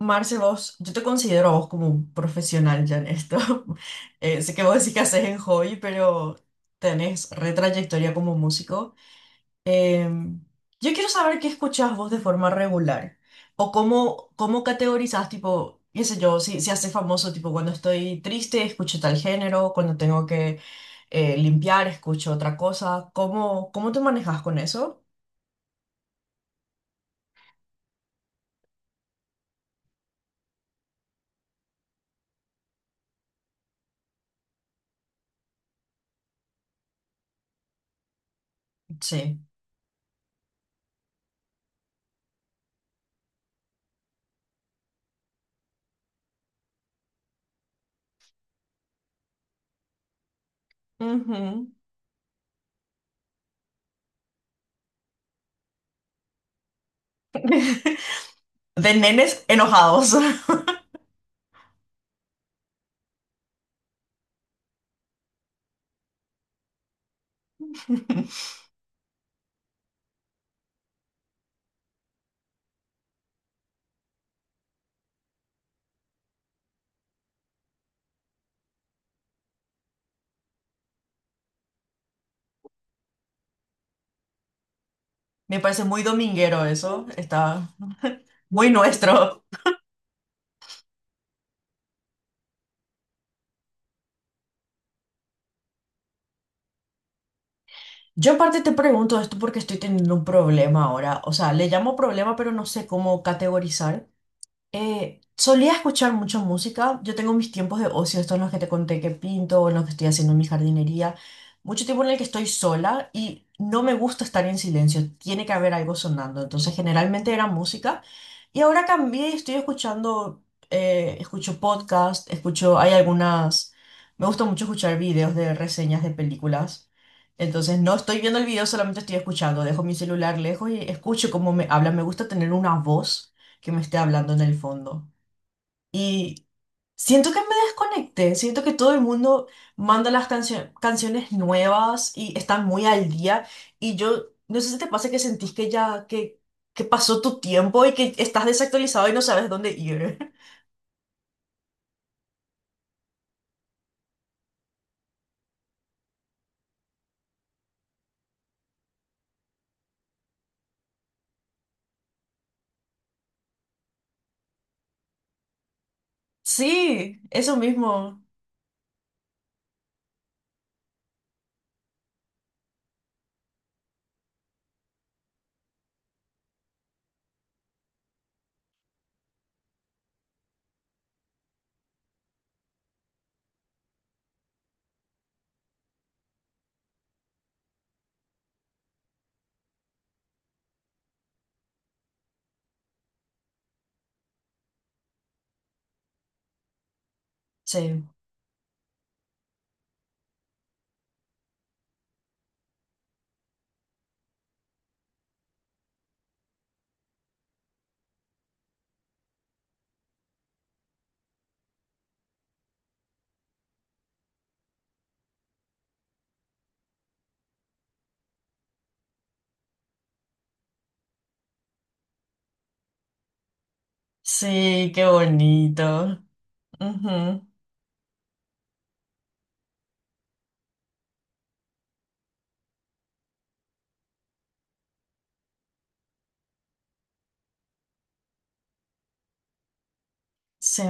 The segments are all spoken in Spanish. Marce, vos, yo te considero a vos como un profesional ya en esto. Sé que vos decís que haces en hobby, pero tenés retrayectoria como músico. Em, yo quiero saber qué escuchás vos de forma regular o cómo categorizás, tipo, qué sé yo, si haces famoso, tipo, cuando estoy triste escucho tal género, cuando tengo que limpiar escucho otra cosa. Cómo te manejas con eso? Sí. Ujú. De nenes enojados. Me parece muy dominguero eso, está muy nuestro. Yo en parte te pregunto esto porque estoy teniendo un problema ahora. O sea, le llamo problema, pero no sé cómo categorizar. Solía escuchar mucho música. Yo tengo mis tiempos de ocio, estos en los que te conté que pinto, o en los que estoy haciendo mi jardinería. Mucho tiempo en el que estoy sola y no me gusta estar en silencio. Tiene que haber algo sonando. Entonces, generalmente era música. Y ahora cambié y escucho podcast, hay algunas, me gusta mucho escuchar videos de reseñas de películas. Entonces, no estoy viendo el video, solamente estoy escuchando. Dejo mi celular lejos y escucho cómo me hablan. Me gusta tener una voz que me esté hablando en el fondo. Y siento que me desconecté, siento que todo el mundo manda las canciones nuevas y están muy al día. Y yo, no sé si te pasa que sentís que que pasó tu tiempo y que estás desactualizado y no sabes dónde ir. Sí, eso mismo. Sí, sí, qué bonito. Ujú, Sí.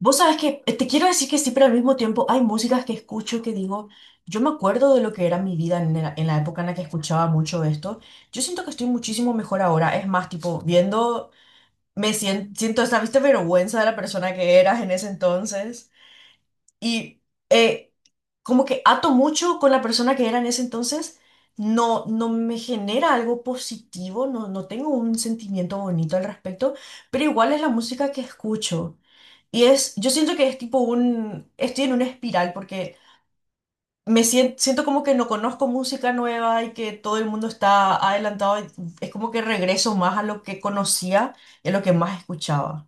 Vos sabés que te quiero decir que sí, pero al mismo tiempo hay músicas que escucho que digo, yo me acuerdo de lo que era mi vida en en la época en la que escuchaba mucho esto. Yo siento que estoy muchísimo mejor ahora. Es más, tipo, me siento esa, ¿viste? Vergüenza de la persona que eras en ese entonces. Y eh, como que ato mucho con la persona que era en ese entonces, no me genera algo positivo, no tengo un sentimiento bonito al respecto, pero igual es la música que escucho. Y es, yo siento que es tipo un, estoy en una espiral porque me siento como que no conozco música nueva y que todo el mundo está adelantado. Es como que regreso más a lo que conocía y a lo que más escuchaba.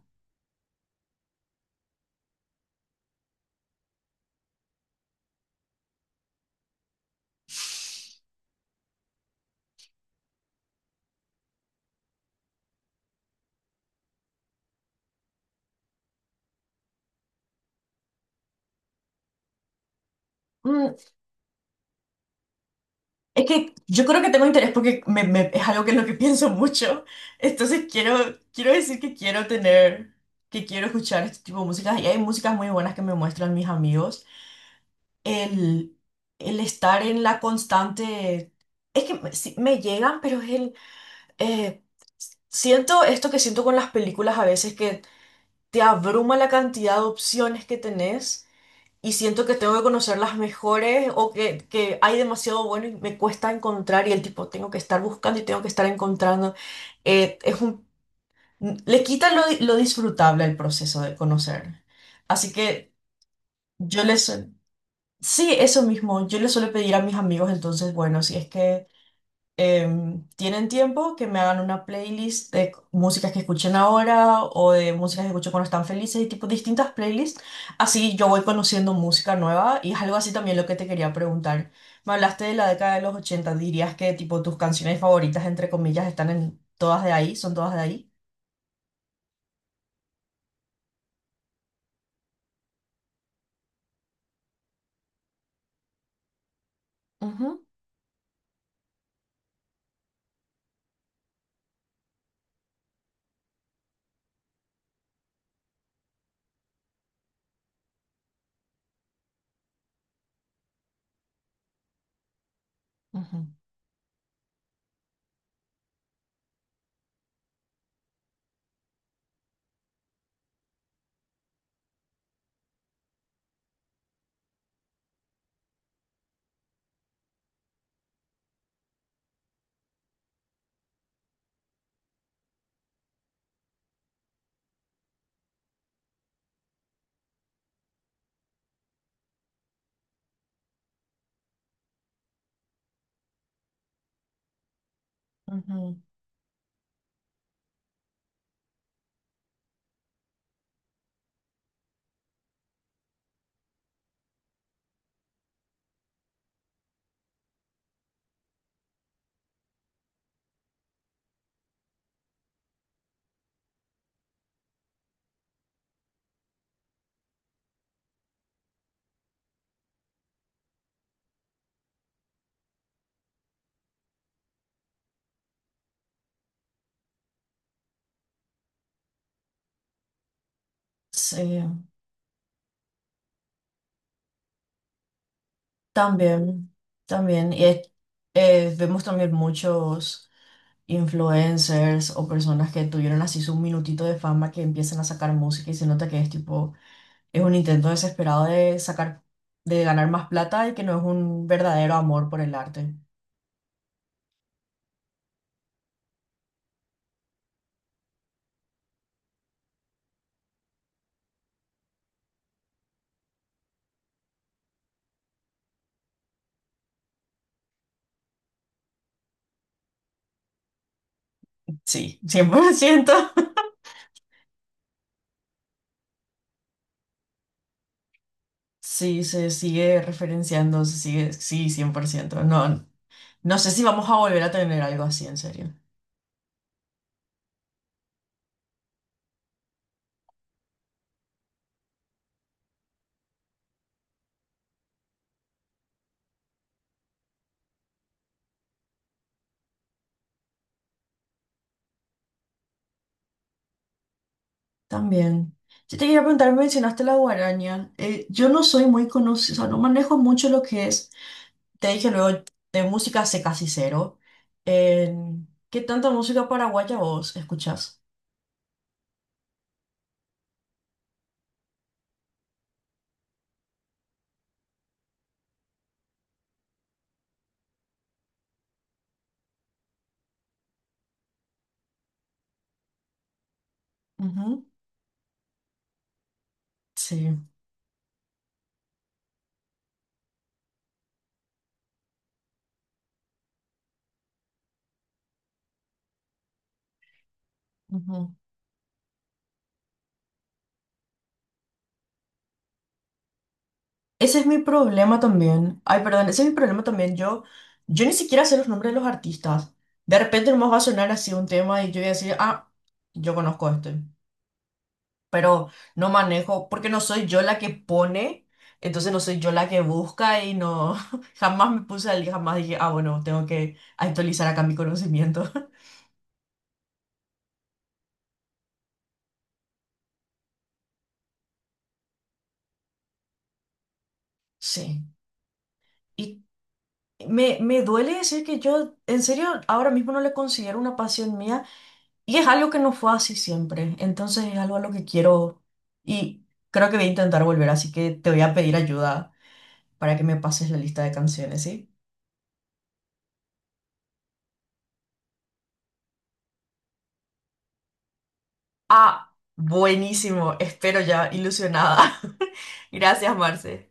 Es que yo creo que tengo interés porque es algo que es lo que pienso mucho. Entonces quiero, quiero decir que quiero que quiero escuchar este tipo de músicas. Y hay músicas muy buenas que me muestran mis amigos. El, el estar en la constante... Es que sí, me llegan, pero es el... eh, siento esto que siento con las películas a veces, que te abruma la cantidad de opciones que tenés y siento que tengo que conocer las mejores o que hay demasiado bueno y me cuesta encontrar y el tipo tengo que estar buscando y tengo que estar encontrando. Es un, le quita lo disfrutable al proceso de conocer. Así que yo les... Sí, eso mismo. Yo le suelo pedir a mis amigos entonces, bueno, si es que tienen tiempo que me hagan una playlist de músicas que escuchen ahora o de músicas que escucho cuando están felices y tipo distintas playlists. Así yo voy conociendo música nueva y es algo así también lo que te quería preguntar. Me hablaste de la década de los 80. Dirías que tipo tus canciones favoritas, entre comillas, están en todas de ahí, son todas de ahí. Ujú, ujú. Ujú. Sí, también, también. Y vemos también muchos. Influencers o personas que tuvieron así su minutito de fama que empiezan a sacar música y se nota que es tipo, es un intento desesperado de de ganar más plata y que no es un verdadero amor por el arte. Sí, cien por ciento. Sí, se sigue referenciando, se sigue, sí, cien por ciento. No, no sé si vamos a volver a tener algo así, en serio. También. Yo te quería preguntar, mencionaste la guaraña. Yo no soy muy conocida, o sea, no manejo mucho lo que es, te dije luego, de música sé casi cero. ¿Qué tanta música paraguaya vos escuchás? Ujú, Sí. Ujú. Ese es mi problema también. Ay, perdón, ese es mi problema también. Yo ni siquiera sé los nombres de los artistas. De repente nomás va a sonar así un tema y yo voy a decir, ah, yo conozco este. Pero no manejo, porque no soy yo la que pone, entonces no soy yo la que busca y no, jamás me puse al día, jamás dije, ah, bueno, tengo que actualizar acá mi conocimiento. Sí, y me duele decir que yo, en serio, ahora mismo no le considero una pasión mía y es algo que no fue así siempre, entonces es algo a lo que quiero y creo que voy a intentar volver, así que te voy a pedir ayuda para que me pases la lista de canciones, ¿sí? Ah, buenísimo, espero ya, ilusionada. Gracias, Marce.